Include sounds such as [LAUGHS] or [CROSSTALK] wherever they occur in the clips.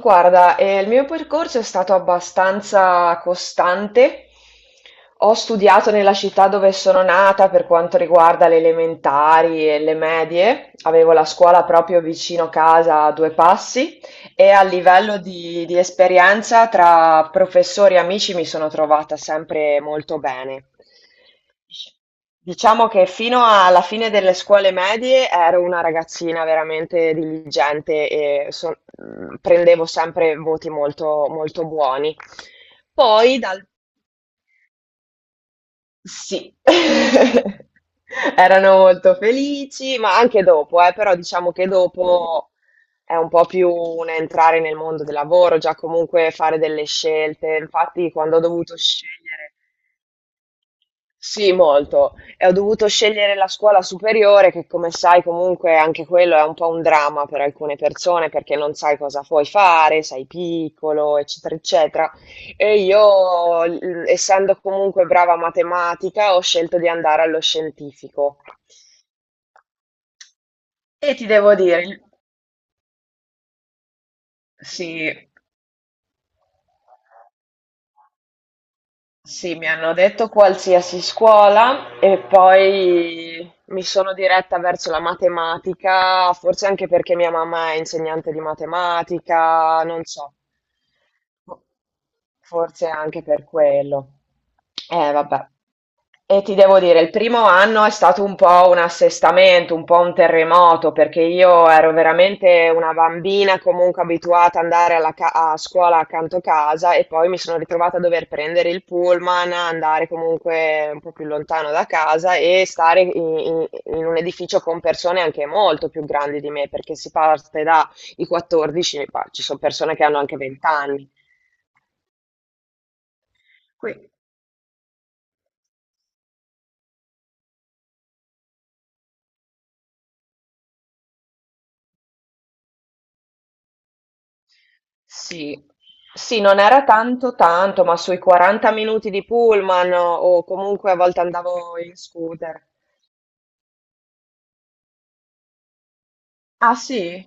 Guarda, il mio percorso è stato abbastanza costante. Ho studiato nella città dove sono nata per quanto riguarda le elementari e le medie. Avevo la scuola proprio vicino casa a due passi. E a livello di esperienza tra professori e amici mi sono trovata sempre molto bene. Diciamo che fino alla fine delle scuole medie ero una ragazzina veramente diligente e prendevo sempre voti molto, molto buoni. Poi dal Sì, [LAUGHS] erano molto felici, ma anche dopo, però diciamo che dopo è un po' più un entrare nel mondo del lavoro, già comunque fare delle scelte. Infatti, quando ho dovuto scegliere sì, molto. E ho dovuto scegliere la scuola superiore, che come sai comunque anche quello è un po' un dramma per alcune persone perché non sai cosa puoi fare, sei piccolo, eccetera, eccetera. E io, essendo comunque brava a matematica, ho scelto di andare allo scientifico. E ti devo dire, sì. Sì, mi hanno detto qualsiasi scuola e poi mi sono diretta verso la matematica, forse anche perché mia mamma è insegnante di matematica, non so, forse anche per quello. Vabbè. E ti devo dire, il primo anno è stato un po' un assestamento, un po' un terremoto, perché io ero veramente una bambina comunque abituata ad andare alla a scuola accanto a casa e poi mi sono ritrovata a dover prendere il pullman, andare comunque un po' più lontano da casa e stare in un edificio con persone anche molto più grandi di me, perché si parte dai 14, ma ci sono persone che hanno anche 20 anni. Sì. Sì, non era tanto tanto, ma sui 40 minuti di pullman o comunque a volte andavo in scooter. Ah sì?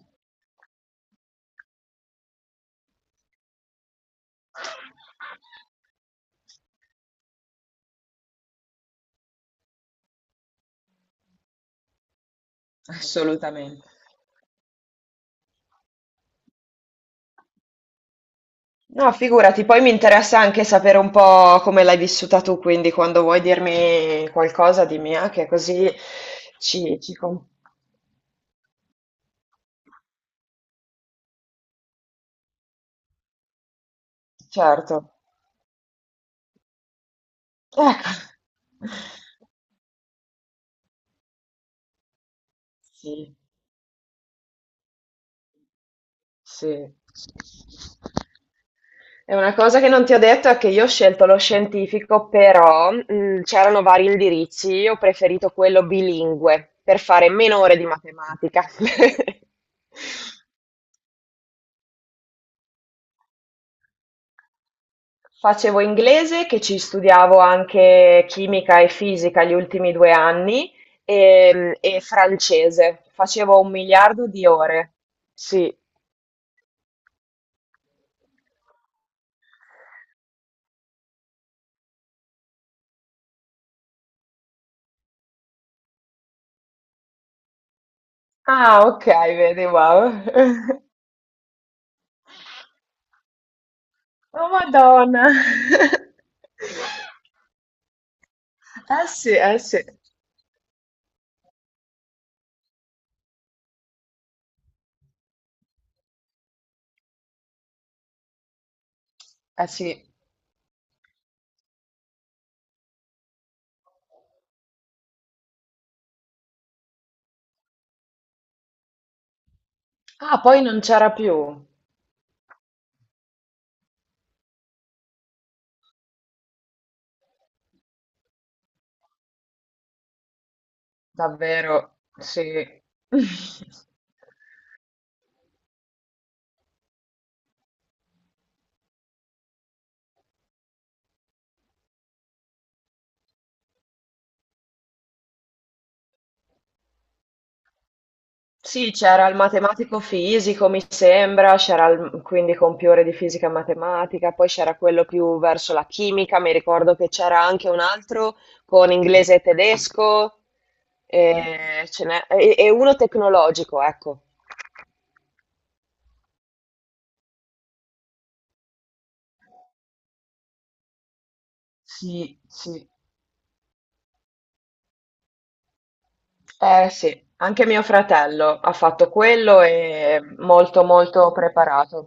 Assolutamente. No, figurati, poi mi interessa anche sapere un po' come l'hai vissuta tu, quindi quando vuoi dirmi qualcosa di mia, che così ci, ci... com- Certo. Ecco. [LAUGHS] Sì. Sì. E una cosa che non ti ho detto è che io ho scelto lo scientifico, però c'erano vari indirizzi, io ho preferito quello bilingue per fare meno ore di matematica. [LAUGHS] Facevo inglese, che ci studiavo anche chimica e fisica gli ultimi due anni, e francese. Facevo un miliardo di ore. Sì. Ah, ok, vedi, wow. [LAUGHS] Oh Madonna! [LAUGHS] Eh sì, eh sì, eh sì. Ah, poi non c'era più, davvero, sì. [LAUGHS] Sì, c'era il matematico fisico, mi sembra, c'era quindi con più ore di fisica e matematica, poi c'era quello più verso la chimica, mi ricordo che c'era anche un altro con inglese e tedesco, e, ce n'è- e uno tecnologico, ecco. Sì, sì. Eh sì, anche mio fratello ha fatto quello e molto molto preparato.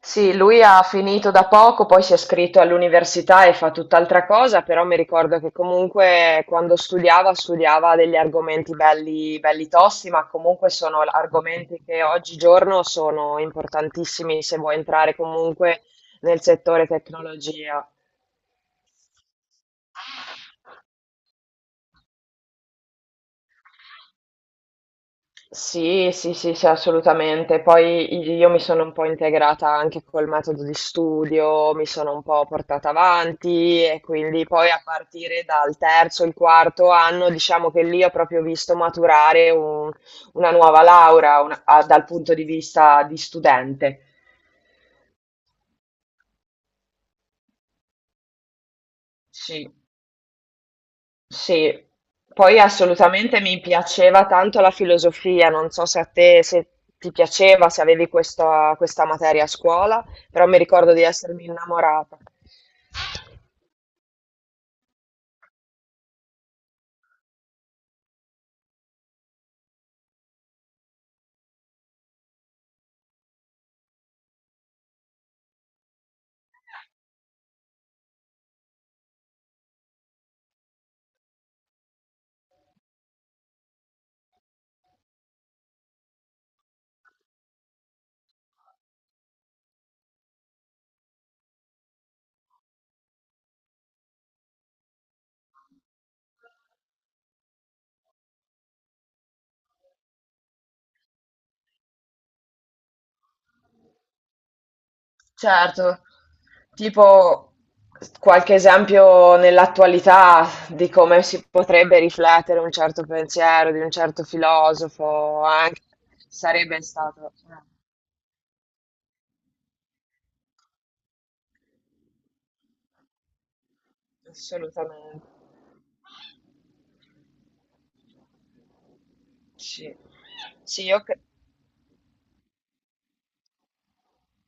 Sì, lui ha finito da poco, poi si è iscritto all'università e fa tutt'altra cosa, però mi ricordo che comunque quando studiava degli argomenti belli, belli tosti, ma comunque sono argomenti che oggigiorno sono importantissimi se vuoi entrare comunque nel settore tecnologia. Sì, sì, sì, sì, assolutamente. Poi io mi sono un po' integrata anche col metodo di studio, mi sono un po' portata avanti e quindi poi a partire dal terzo, il quarto anno, diciamo che lì ho proprio visto maturare una nuova laurea dal punto di vista di studente. Sì. Sì, poi assolutamente mi piaceva tanto la filosofia, non so se a te se ti piaceva, se avevi questa materia a scuola, però mi ricordo di essermi innamorata. Certo, tipo qualche esempio nell'attualità di come si potrebbe riflettere un certo pensiero di un certo filosofo, anche sarebbe stato assolutamente sì. Sì,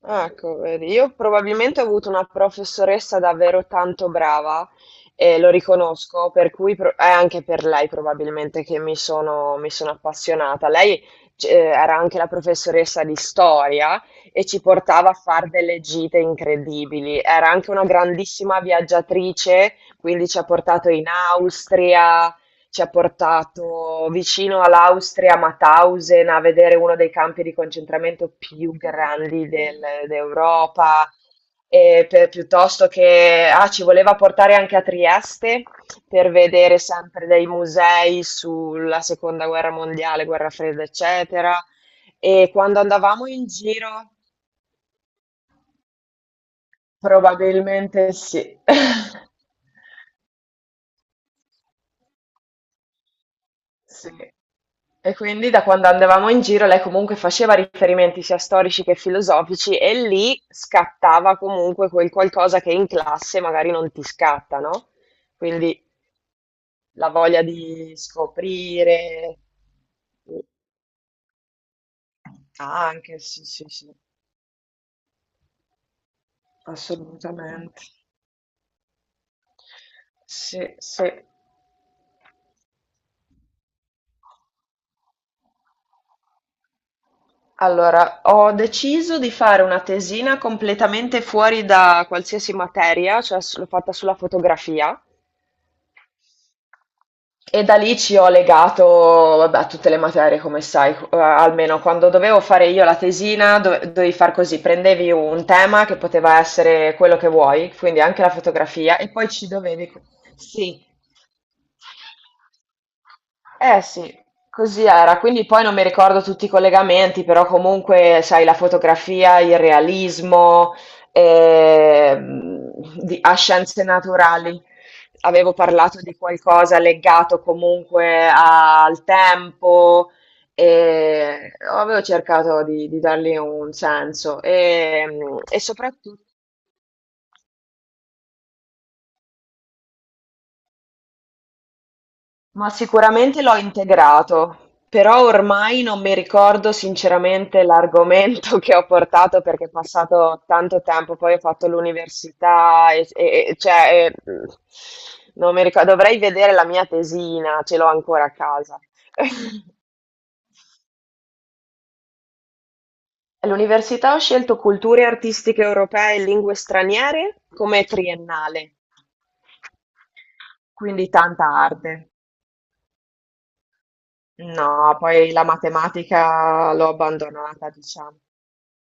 ah, ecco, vedi, io probabilmente ho avuto una professoressa davvero tanto brava e lo riconosco, per cui è anche per lei probabilmente che mi sono appassionata. Lei era anche la professoressa di storia e ci portava a fare delle gite incredibili. Era anche una grandissima viaggiatrice, quindi ci ha portato in Austria, ci ha portato vicino all'Austria, a Mauthausen, a vedere uno dei campi di concentramento più grandi del d'Europa, pe piuttosto che ci voleva portare anche a Trieste per vedere sempre dei musei sulla seconda guerra mondiale, guerra fredda, eccetera. E quando andavamo in giro probabilmente sì. [LAUGHS] Sì. E quindi da quando andavamo in giro lei comunque faceva riferimenti sia storici che filosofici e lì scattava comunque quel qualcosa che in classe magari non ti scatta, no? Quindi la voglia di scoprire. Anche, sì, sì, sì, assolutamente. Sì, sì. Allora, ho deciso di fare una tesina completamente fuori da qualsiasi materia, cioè l'ho fatta sulla fotografia. E da lì ci ho legato, vabbè, a tutte le materie, come sai, almeno quando dovevo fare io la tesina, dovevi far così, prendevi un tema che poteva essere quello che vuoi, quindi anche la fotografia, e poi ci dovevi... Sì. Eh sì, così era. Quindi poi non mi ricordo tutti i collegamenti, però comunque, sai, la fotografia, il realismo, ehm, a scienze naturali. Avevo parlato di qualcosa legato comunque al tempo e avevo cercato di dargli un senso e, soprattutto, ma sicuramente l'ho integrato, però ormai non mi ricordo sinceramente l'argomento [LAUGHS] che ho portato perché è passato tanto tempo, poi ho fatto l'università cioè, non mi ricordo, dovrei vedere la mia tesina, ce l'ho ancora a casa. [LAUGHS] L'università ha scelto Culture artistiche europee e lingue straniere come triennale, quindi tanta arte. No, poi la matematica l'ho abbandonata, diciamo.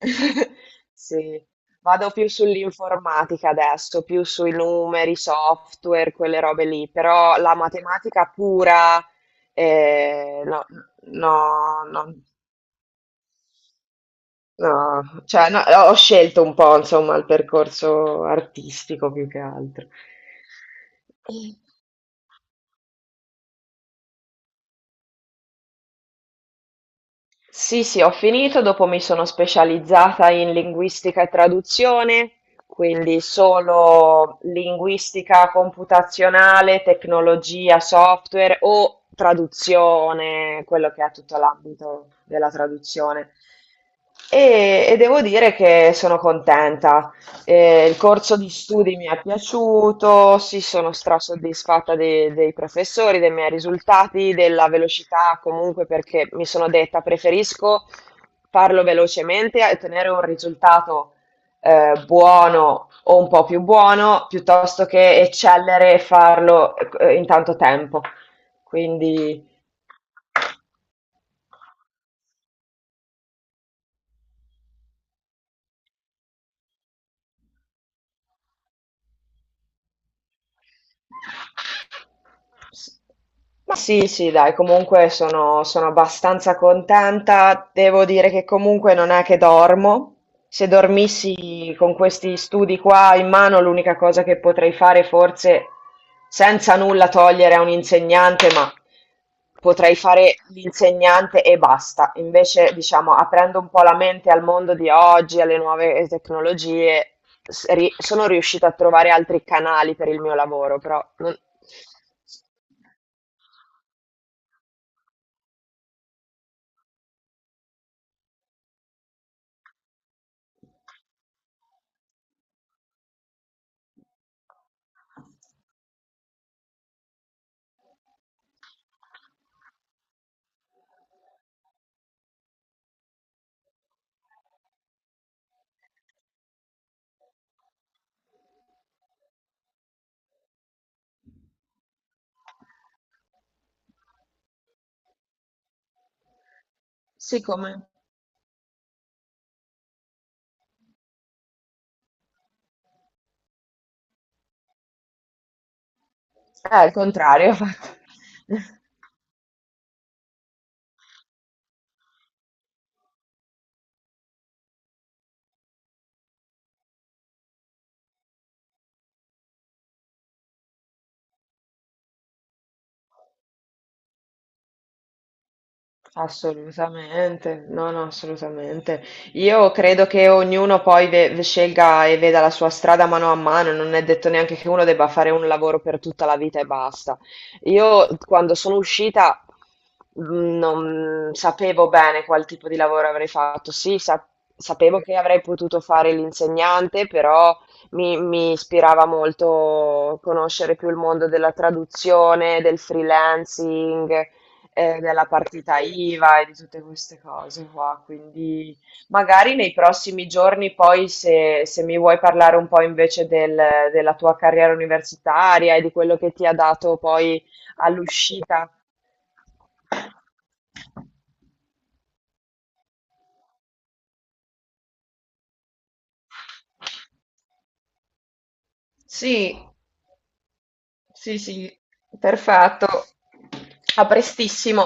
[LAUGHS] Sì, vado più sull'informatica adesso, più sui numeri, software, quelle robe lì, però la matematica pura, no, no, no. No, cioè, no, ho scelto un po', insomma, il percorso artistico più che altro. Sì, sì, ho finito, dopo mi sono specializzata in linguistica e traduzione, quindi solo linguistica computazionale, tecnologia, software o traduzione, quello che è tutto l'ambito della traduzione. E devo dire che sono contenta. Il corso di studi mi è piaciuto, sì, sono strasoddisfatta dei professori, dei miei risultati, della velocità comunque perché mi sono detta preferisco farlo velocemente e tenere un risultato buono o un po' più buono piuttosto che eccellere e farlo in tanto tempo. Quindi S ma sì, sì, dai, comunque sono abbastanza contenta. Devo dire che comunque non è che dormo. Se dormissi con questi studi qua in mano, l'unica cosa che potrei fare forse, senza nulla togliere a un insegnante, ma potrei fare l'insegnante e basta. Invece, diciamo, aprendo un po' la mente al mondo di oggi, alle nuove tecnologie, sono riuscita a trovare altri canali per il mio lavoro, però non- sì, come? Ah, al contrario. [LAUGHS] fatto. Assolutamente, no, no, assolutamente. Io credo che ognuno poi scelga e veda la sua strada mano a mano, non è detto neanche che uno debba fare un lavoro per tutta la vita e basta. Io quando sono uscita non sapevo bene qual tipo di lavoro avrei fatto. Sì, sapevo che avrei potuto fare l'insegnante, però mi ispirava molto conoscere più il mondo della traduzione, del freelancing della partita IVA e di tutte queste cose qua. Quindi magari nei prossimi giorni, poi se mi vuoi parlare un po' invece della tua carriera universitaria e di quello che ti ha dato poi all'uscita. Sì, sì, sì, perfetto. A prestissimo.